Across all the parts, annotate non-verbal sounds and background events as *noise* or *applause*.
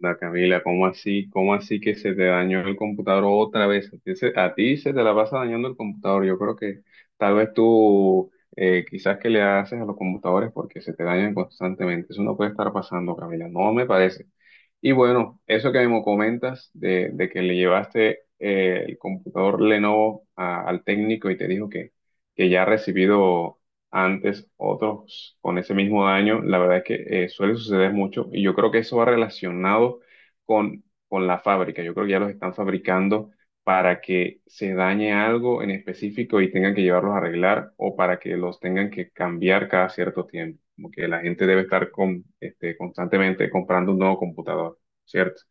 Da Camila, ¿cómo así? ¿Cómo así que se te dañó el computador otra vez? A ti se te la pasa dañando el computador. Yo creo que tal vez tú quizás que le haces a los computadores porque se te dañan constantemente. Eso no puede estar pasando, Camila. No me parece. Y bueno, eso que me comentas de que le llevaste el computador Lenovo al técnico y te dijo que ya ha recibido antes, otros con ese mismo daño. La verdad es que suele suceder mucho y yo creo que eso va relacionado con la fábrica. Yo creo que ya los están fabricando para que se dañe algo en específico y tengan que llevarlos a arreglar o para que los tengan que cambiar cada cierto tiempo. Como que la gente debe estar con, este, constantemente comprando un nuevo computador, ¿cierto?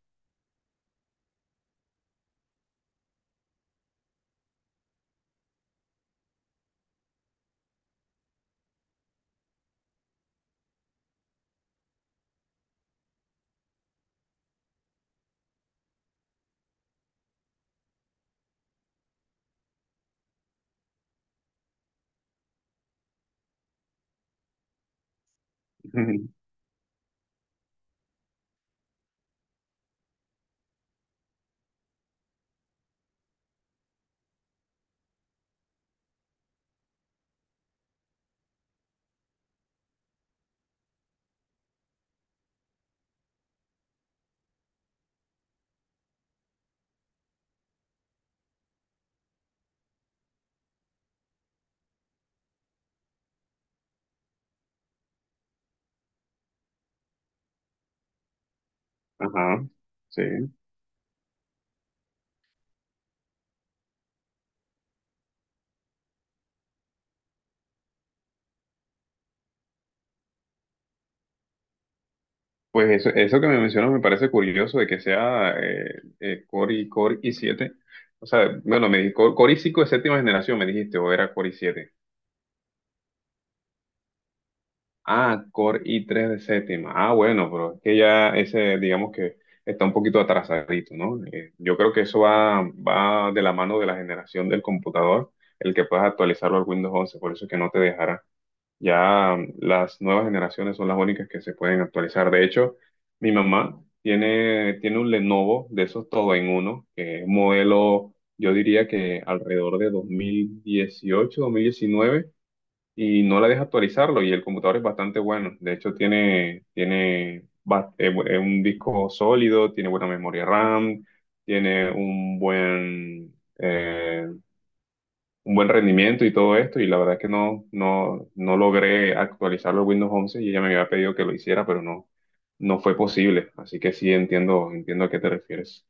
*laughs* Ajá, sí. Pues eso que me mencionas me parece curioso de que sea Core i7. O sea, bueno, me dijiste Core i5 de séptima generación, me dijiste, o era Core i7. Ah, Core i3 de séptima. Ah, bueno, pero es que ya ese, digamos que está un poquito atrasadito, ¿no? Yo creo que eso va de la mano de la generación del computador, el que puedas actualizarlo al Windows 11, por eso es que no te dejará. Ya las nuevas generaciones son las únicas que se pueden actualizar. De hecho, mi mamá tiene un Lenovo de esos todo en uno, que es un modelo, yo diría que alrededor de dos mil dieciocho, 2019, y no la deja actualizarlo. Y el computador es bastante bueno. De hecho, tiene un disco sólido, tiene buena memoria RAM, tiene un buen rendimiento y todo esto, y la verdad que no logré actualizarlo a Windows 11 y ella me había pedido que lo hiciera, pero no fue posible. Así que sí entiendo, a qué te refieres.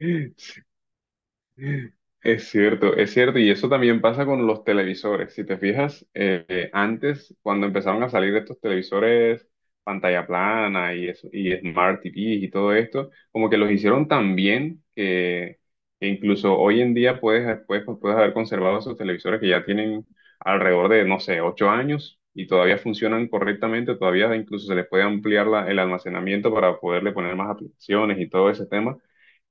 *laughs* Es cierto, y eso también pasa con los televisores. Si te fijas, antes, cuando empezaron a salir estos televisores pantalla plana y Smart TV y todo esto, como que los hicieron tan bien que incluso hoy en día puedes, después, pues, puedes haber conservado esos televisores que ya tienen alrededor de, no sé, 8 años, y todavía funcionan correctamente, todavía incluso se les puede ampliar el almacenamiento para poderle poner más aplicaciones y todo ese tema.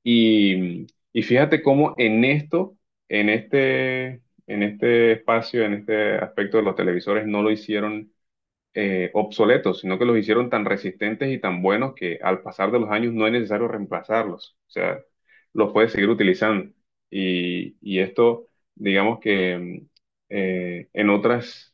Y, y fíjate cómo en esto, en este, en este aspecto de los televisores, no lo hicieron obsoletos, sino que los hicieron tan resistentes y tan buenos que al pasar de los años no es necesario reemplazarlos. O sea, los puedes seguir utilizando. Y esto, digamos que eh, en otras,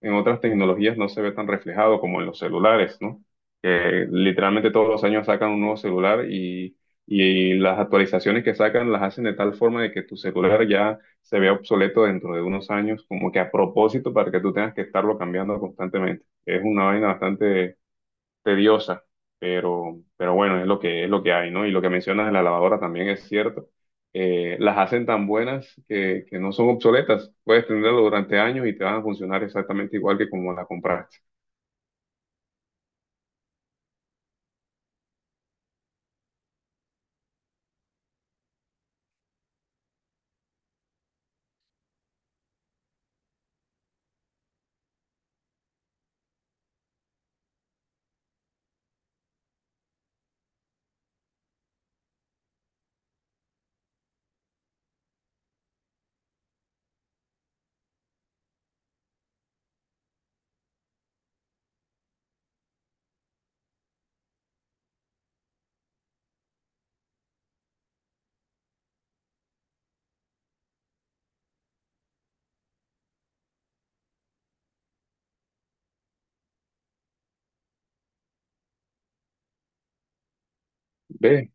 en otras tecnologías no se ve tan reflejado como en los celulares, ¿no? Que literalmente todos los años sacan un nuevo celular y las actualizaciones que sacan las hacen de tal forma de que tu celular ya se vea obsoleto dentro de unos años, como que a propósito para que tú tengas que estarlo cambiando constantemente. Es una vaina bastante tediosa, pero bueno, es lo que hay, ¿no? Y lo que mencionas de la lavadora también es cierto. Las hacen tan buenas que no son obsoletas. Puedes tenerlo durante años y te van a funcionar exactamente igual que como la compraste. Ve,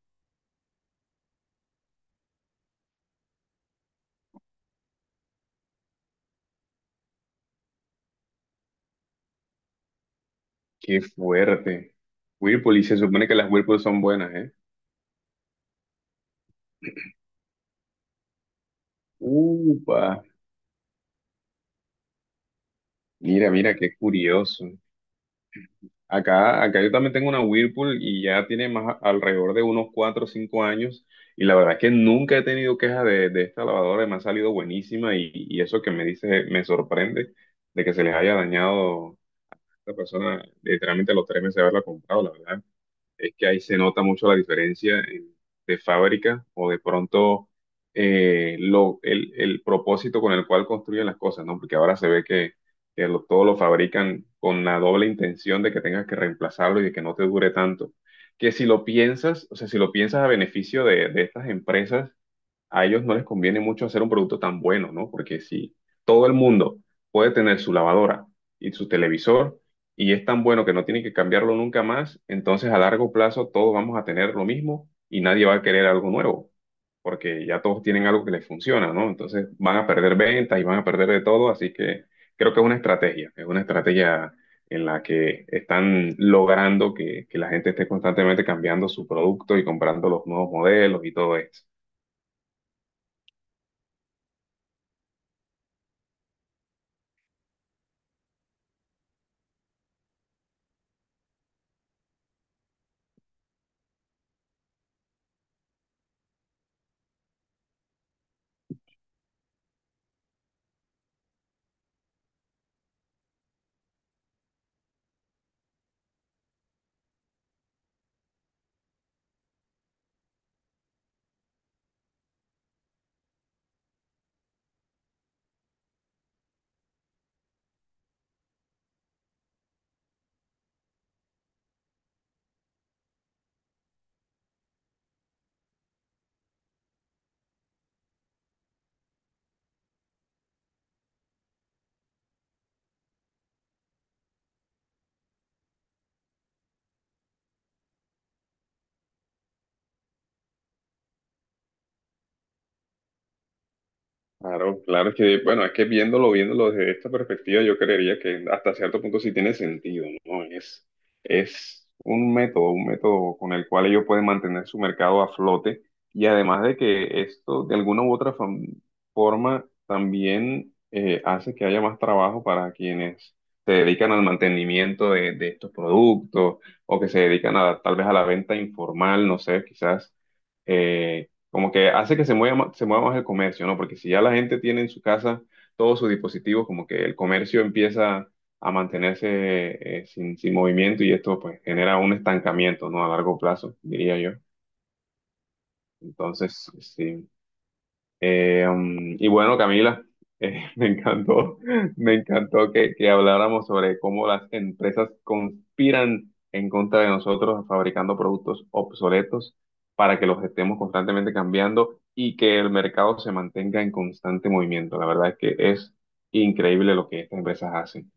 qué fuerte. Whirlpool, y se supone que las Whirlpool son buenas, ¿eh? Upa, mira, mira, qué curioso. Acá yo también tengo una Whirlpool y ya tiene alrededor de unos 4 o 5 años, y la verdad es que nunca he tenido quejas de esta lavadora, me ha salido buenísima, y eso que me dice me sorprende de que se les haya dañado a esta persona literalmente a los 3 meses de haberla comprado. La verdad es que ahí se nota mucho la diferencia de fábrica o de pronto el propósito con el cual construyen las cosas, ¿no? Porque ahora se ve que todo lo fabrican con la doble intención de que tengas que reemplazarlo y de que no te dure tanto. Que si lo piensas, o sea, si lo piensas a beneficio de estas empresas, a ellos no les conviene mucho hacer un producto tan bueno, ¿no? Porque si todo el mundo puede tener su lavadora y su televisor y es tan bueno que no tiene que cambiarlo nunca más, entonces a largo plazo todos vamos a tener lo mismo y nadie va a querer algo nuevo, porque ya todos tienen algo que les funciona, ¿no? Entonces van a perder ventas y van a perder de todo, así que creo que es una estrategia, en la que están logrando que la gente esté constantemente cambiando su producto y comprando los nuevos modelos y todo esto. Claro, claro, es que, bueno, es que viéndolo, viéndolo desde esta perspectiva, yo creería que hasta cierto punto sí tiene sentido, ¿no? Es un método, con el cual ellos pueden mantener su mercado a flote, y además de que esto de alguna u otra forma también hace que haya más trabajo para quienes se dedican al mantenimiento de estos productos, o que se dedican a, tal vez a la venta informal, no sé, quizás. Eh, como que hace que se mueva, se mueva más el comercio, ¿no? Porque si ya la gente tiene en su casa todos sus dispositivos, como que el comercio empieza a mantenerse sin movimiento, y esto pues genera un estancamiento, ¿no? A largo plazo, diría yo. Entonces, sí. Y bueno, Camila, eh, *laughs* me encantó, me encantó que habláramos sobre cómo las empresas conspiran en contra de nosotros fabricando productos obsoletos para que los estemos constantemente cambiando y que el mercado se mantenga en constante movimiento. La verdad es que es increíble lo que estas empresas hacen.